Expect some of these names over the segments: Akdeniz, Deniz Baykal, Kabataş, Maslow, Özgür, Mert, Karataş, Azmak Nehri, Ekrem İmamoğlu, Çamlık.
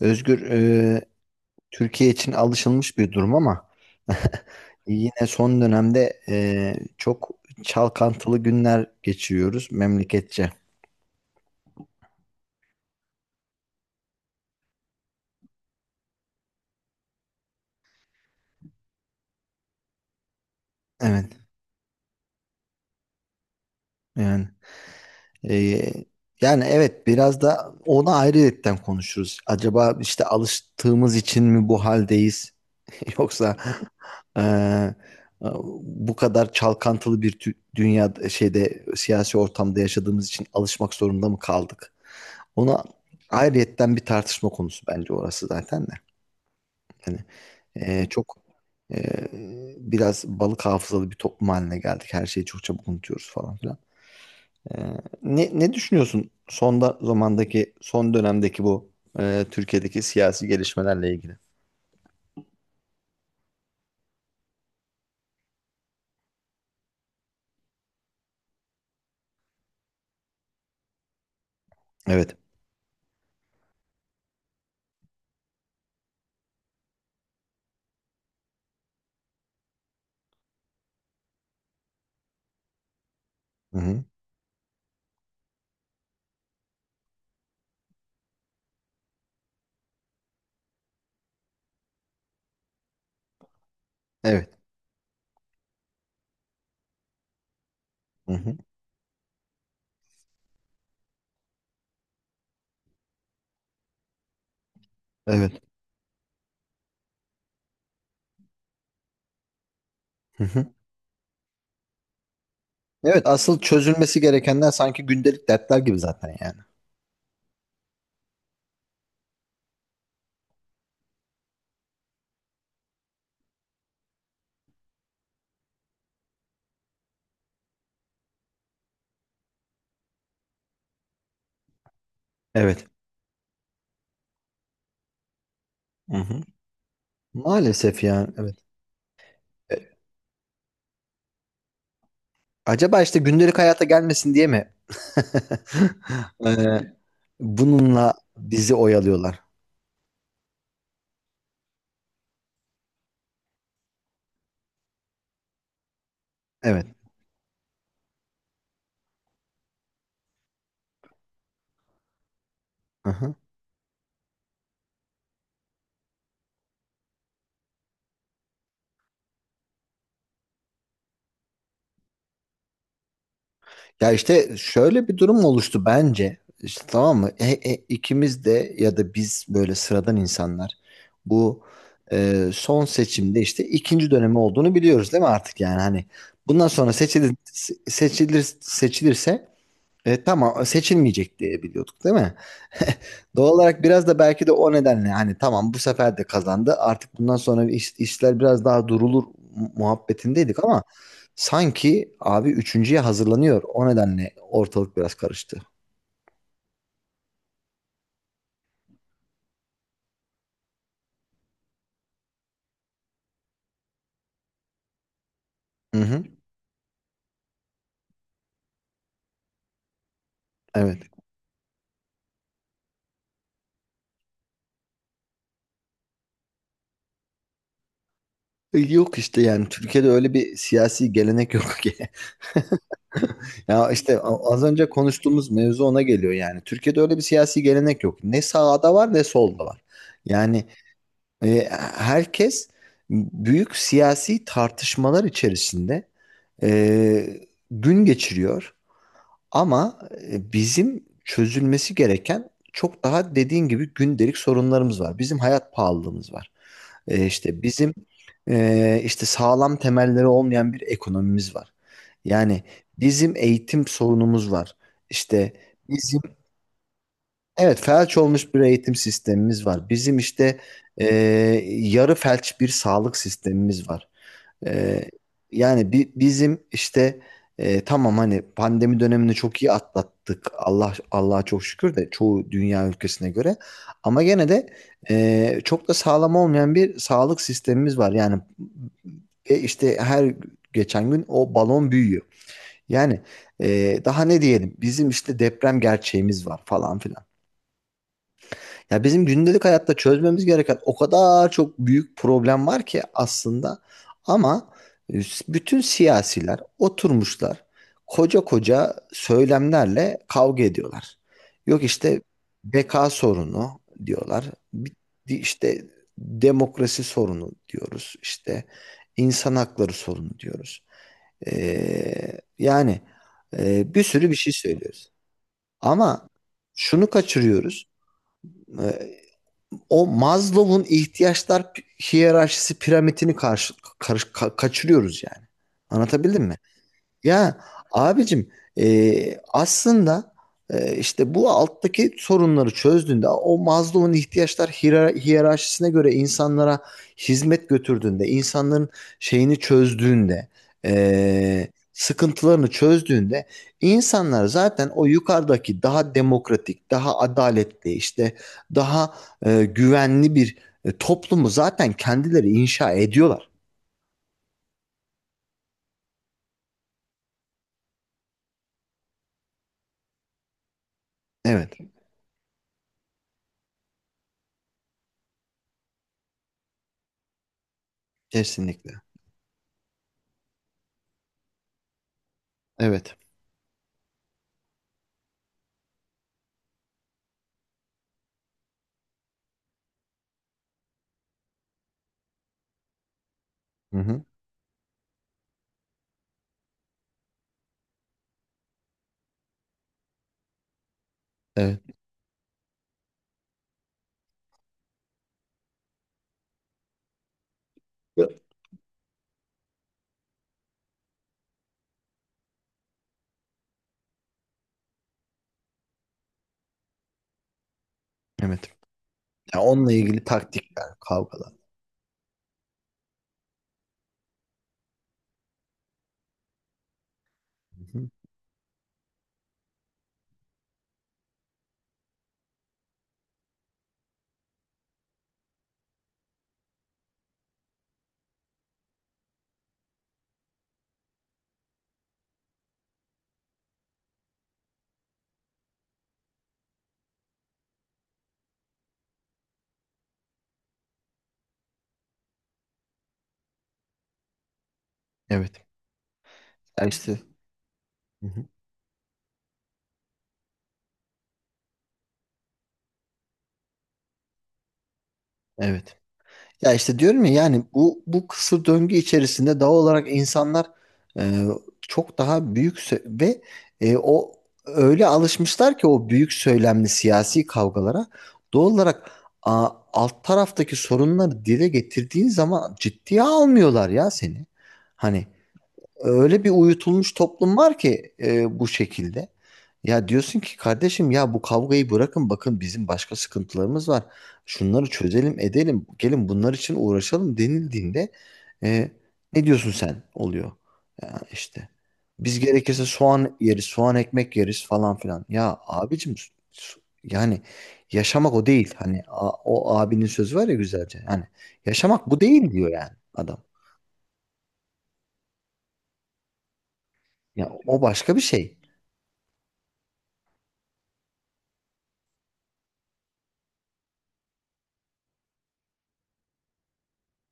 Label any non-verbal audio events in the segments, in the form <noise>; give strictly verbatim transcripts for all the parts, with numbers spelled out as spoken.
Özgür, e, Türkiye için alışılmış bir durum ama <laughs> yine son dönemde e, çok çalkantılı günler geçiriyoruz memleketçe. Evet, yani. Ee, Yani evet biraz da onu ayrıyetten konuşuruz. Acaba işte alıştığımız için mi bu haldeyiz? <laughs> Yoksa eee, bu kadar çalkantılı bir tü- dünya şeyde siyasi ortamda yaşadığımız için alışmak zorunda mı kaldık? Ona ayrıyetten bir tartışma konusu bence orası zaten de. Yani eee, çok eee, biraz balık hafızalı bir toplum haline geldik. Her şeyi çok çabuk unutuyoruz falan filan. Ee, ne, ne düşünüyorsun son da- zamandaki, son dönemdeki bu e, Türkiye'deki siyasi gelişmelerle ilgili? Evet. Hı hı. Evet. Hı hı. Evet. Hı hı. Evet, asıl çözülmesi gerekenler sanki gündelik dertler gibi zaten yani. Evet. Hı hı. Maalesef yani. Evet. E, Acaba işte gündelik hayata gelmesin diye mi? <laughs> Ee, Bununla bizi oyalıyorlar. Evet. Hı hı. Ya işte şöyle bir durum oluştu bence. İşte tamam mı? E, e, ikimiz de ya da biz böyle sıradan insanlar bu e, son seçimde işte ikinci dönemi olduğunu biliyoruz değil mi artık yani hani bundan sonra seçilir se- seçilir seçilirse e, tamam e, seçilmeyecek diye biliyorduk değil mi? <laughs> Doğal olarak biraz da belki de o nedenle hani tamam bu sefer de kazandı. Artık bundan sonra iş- işler biraz daha durulur mu- muhabbetindeydik ama sanki abi üçüncüye hazırlanıyor. O nedenle ortalık biraz karıştı. Hı hı. Evet. Yok işte yani Türkiye'de öyle bir siyasi gelenek yok ki. <laughs> Ya işte a- az önce konuştuğumuz mevzu ona geliyor yani. Türkiye'de öyle bir siyasi gelenek yok. Ne sağda var ne solda var. Yani e, herkes büyük siyasi tartışmalar içerisinde e, gün geçiriyor. Ama e, bizim çözülmesi gereken çok daha dediğin gibi gündelik sorunlarımız var. Bizim hayat pahalılığımız var. E, işte bizim e, işte sağlam temelleri olmayan bir ekonomimiz var. Yani bizim eğitim sorunumuz var. İşte bizim evet felç olmuş bir eğitim sistemimiz var. Bizim işte e, yarı felç bir sağlık sistemimiz var. Ee, yani bi- bizim işte e, tamam hani pandemi dönemini çok iyi atlattık. Allah Allah'a çok şükür de çoğu dünya ülkesine göre. Ama gene de e, çok da sağlam olmayan bir sağlık sistemimiz var. Yani e, işte her geçen gün o balon büyüyor. Yani e, daha ne diyelim? Bizim işte deprem gerçeğimiz var falan filan. Ya bizim gündelik hayatta çözmemiz gereken o kadar çok büyük problem var ki aslında ama e, bütün siyasiler oturmuşlar koca koca söylemlerle kavga ediyorlar. Yok işte beka sorunu diyorlar. Bi- di- işte demokrasi sorunu diyoruz. İşte insan hakları sorunu diyoruz. Ee, yani e, bir sürü bir şey söylüyoruz. Ama şunu kaçırıyoruz. e, O Maslow'un ihtiyaçlar hiyerarşisi piramitini karşı, karış- ka- kaçırıyoruz yani. Anlatabildim mi? Ya abicim e, aslında e, işte bu alttaki sorunları çözdüğünde o Maslow'un ihtiyaçlar hiyer- hiyerarşisine göre insanlara hizmet götürdüğünde insanların şeyini çözdüğünde e, sıkıntılarını çözdüğünde insanlar zaten o yukarıdaki daha demokratik daha adaletli işte daha e, güvenli bir e, toplumu zaten kendileri inşa ediyorlar. Evet kesinlikle evet. Hı hı. Evet. Evet. Ya onunla ilgili taktikler, kavgalar. Hı hı. Evet. Ya işte. Hı hı. Evet. Ya işte diyorum ya yani bu bu kısır döngü içerisinde doğal olarak insanlar e, çok daha büyük sö- ve e, o öyle alışmışlar ki o büyük söylemli siyasi kavgalara doğal olarak a, alt taraftaki sorunları dile getirdiğin zaman ciddiye almıyorlar ya seni. Hani öyle bir uyutulmuş toplum var ki e, bu şekilde. Ya diyorsun ki kardeşim ya bu kavgayı bırakın bakın bizim başka sıkıntılarımız var. Şunları çözelim edelim gelin bunlar için uğraşalım denildiğinde e, ne diyorsun sen oluyor. Ya işte biz gerekirse soğan yeriz soğan ekmek yeriz falan filan. Ya abicim s- yani yaşamak o değil. Hani a- o abinin sözü var ya güzelce. Yani yaşamak bu değil diyor yani adam. Ya o başka bir şey.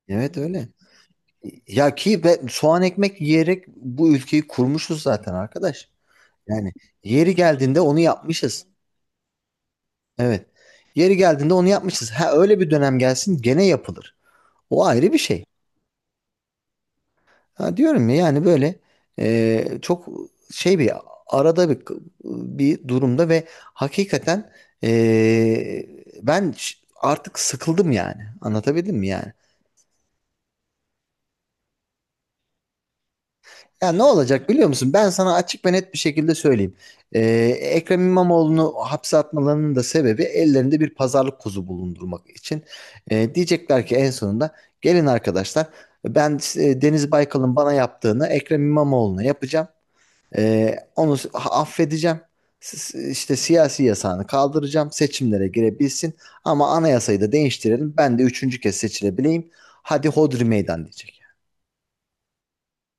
Evet öyle. Ya ki be, soğan ekmek yiyerek bu ülkeyi kurmuşuz zaten arkadaş. Yani yeri geldiğinde onu yapmışız. Evet. Yeri geldiğinde onu yapmışız. Ha öyle bir dönem gelsin gene yapılır. O ayrı bir şey. Ha diyorum ya yani böyle e, çok şey bir arada bir bir durumda ve hakikaten e, ben ş- artık sıkıldım yani. Anlatabildim mi yani? Ya ne olacak biliyor musun? Ben sana açık ve net bir şekilde söyleyeyim. Ee, Ekrem İmamoğlu'nu hapse atmalarının da sebebi ellerinde bir pazarlık kuzu bulundurmak için. Ee, diyecekler ki en sonunda gelin arkadaşlar ben e, Deniz Baykal'ın bana yaptığını Ekrem İmamoğlu'na yapacağım. Ee, onu s- affedeceğim. S- işte siyasi yasağını kaldıracağım. Seçimlere girebilsin. Ama anayasayı da değiştirelim. Ben de üçüncü kez seçilebileyim. Hadi hodri meydan diyecek.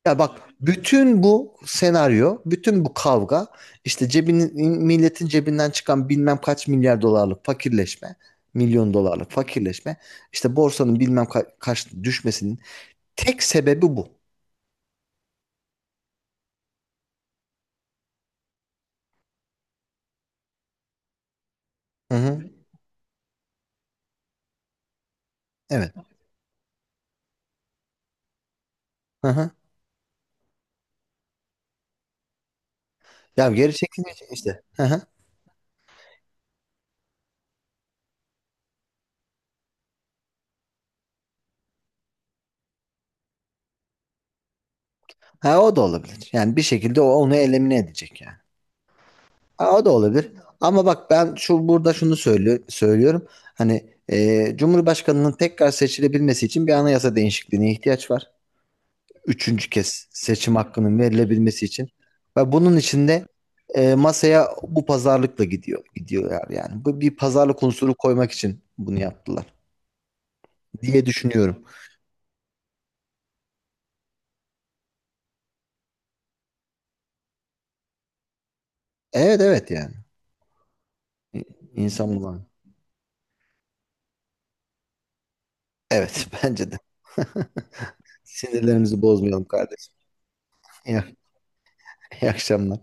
Ya bak bütün bu senaryo, bütün bu kavga işte cebinin milletin cebinden çıkan bilmem kaç milyar dolarlık fakirleşme, milyon dolarlık fakirleşme, işte borsanın bilmem ka- kaç düşmesinin tek sebebi bu. Hı hı. Evet. Hı hı. Ya geri çekilecek işte. Hı hı. Ha o da olabilir. Yani bir şekilde o onu elimine edecek yani. Ha, o da olabilir. Ama bak ben şu burada şunu söylüyor, söylüyorum. Hani e, Cumhurbaşkanının tekrar seçilebilmesi için bir anayasa değişikliğine ihtiyaç var. Üçüncü kez seçim hakkının verilebilmesi için. Ve bunun için de e, masaya bu pazarlıkla gidiyor gidiyorlar yani. Bu bir pazarlık unsuru koymak için bunu yaptılar diye düşünüyorum. Evet evet yani. İ- İnsan bulan. Evet <laughs> bence de. Sinirlerimizi bozmayalım kardeşim. İyi, iyi akşamlar.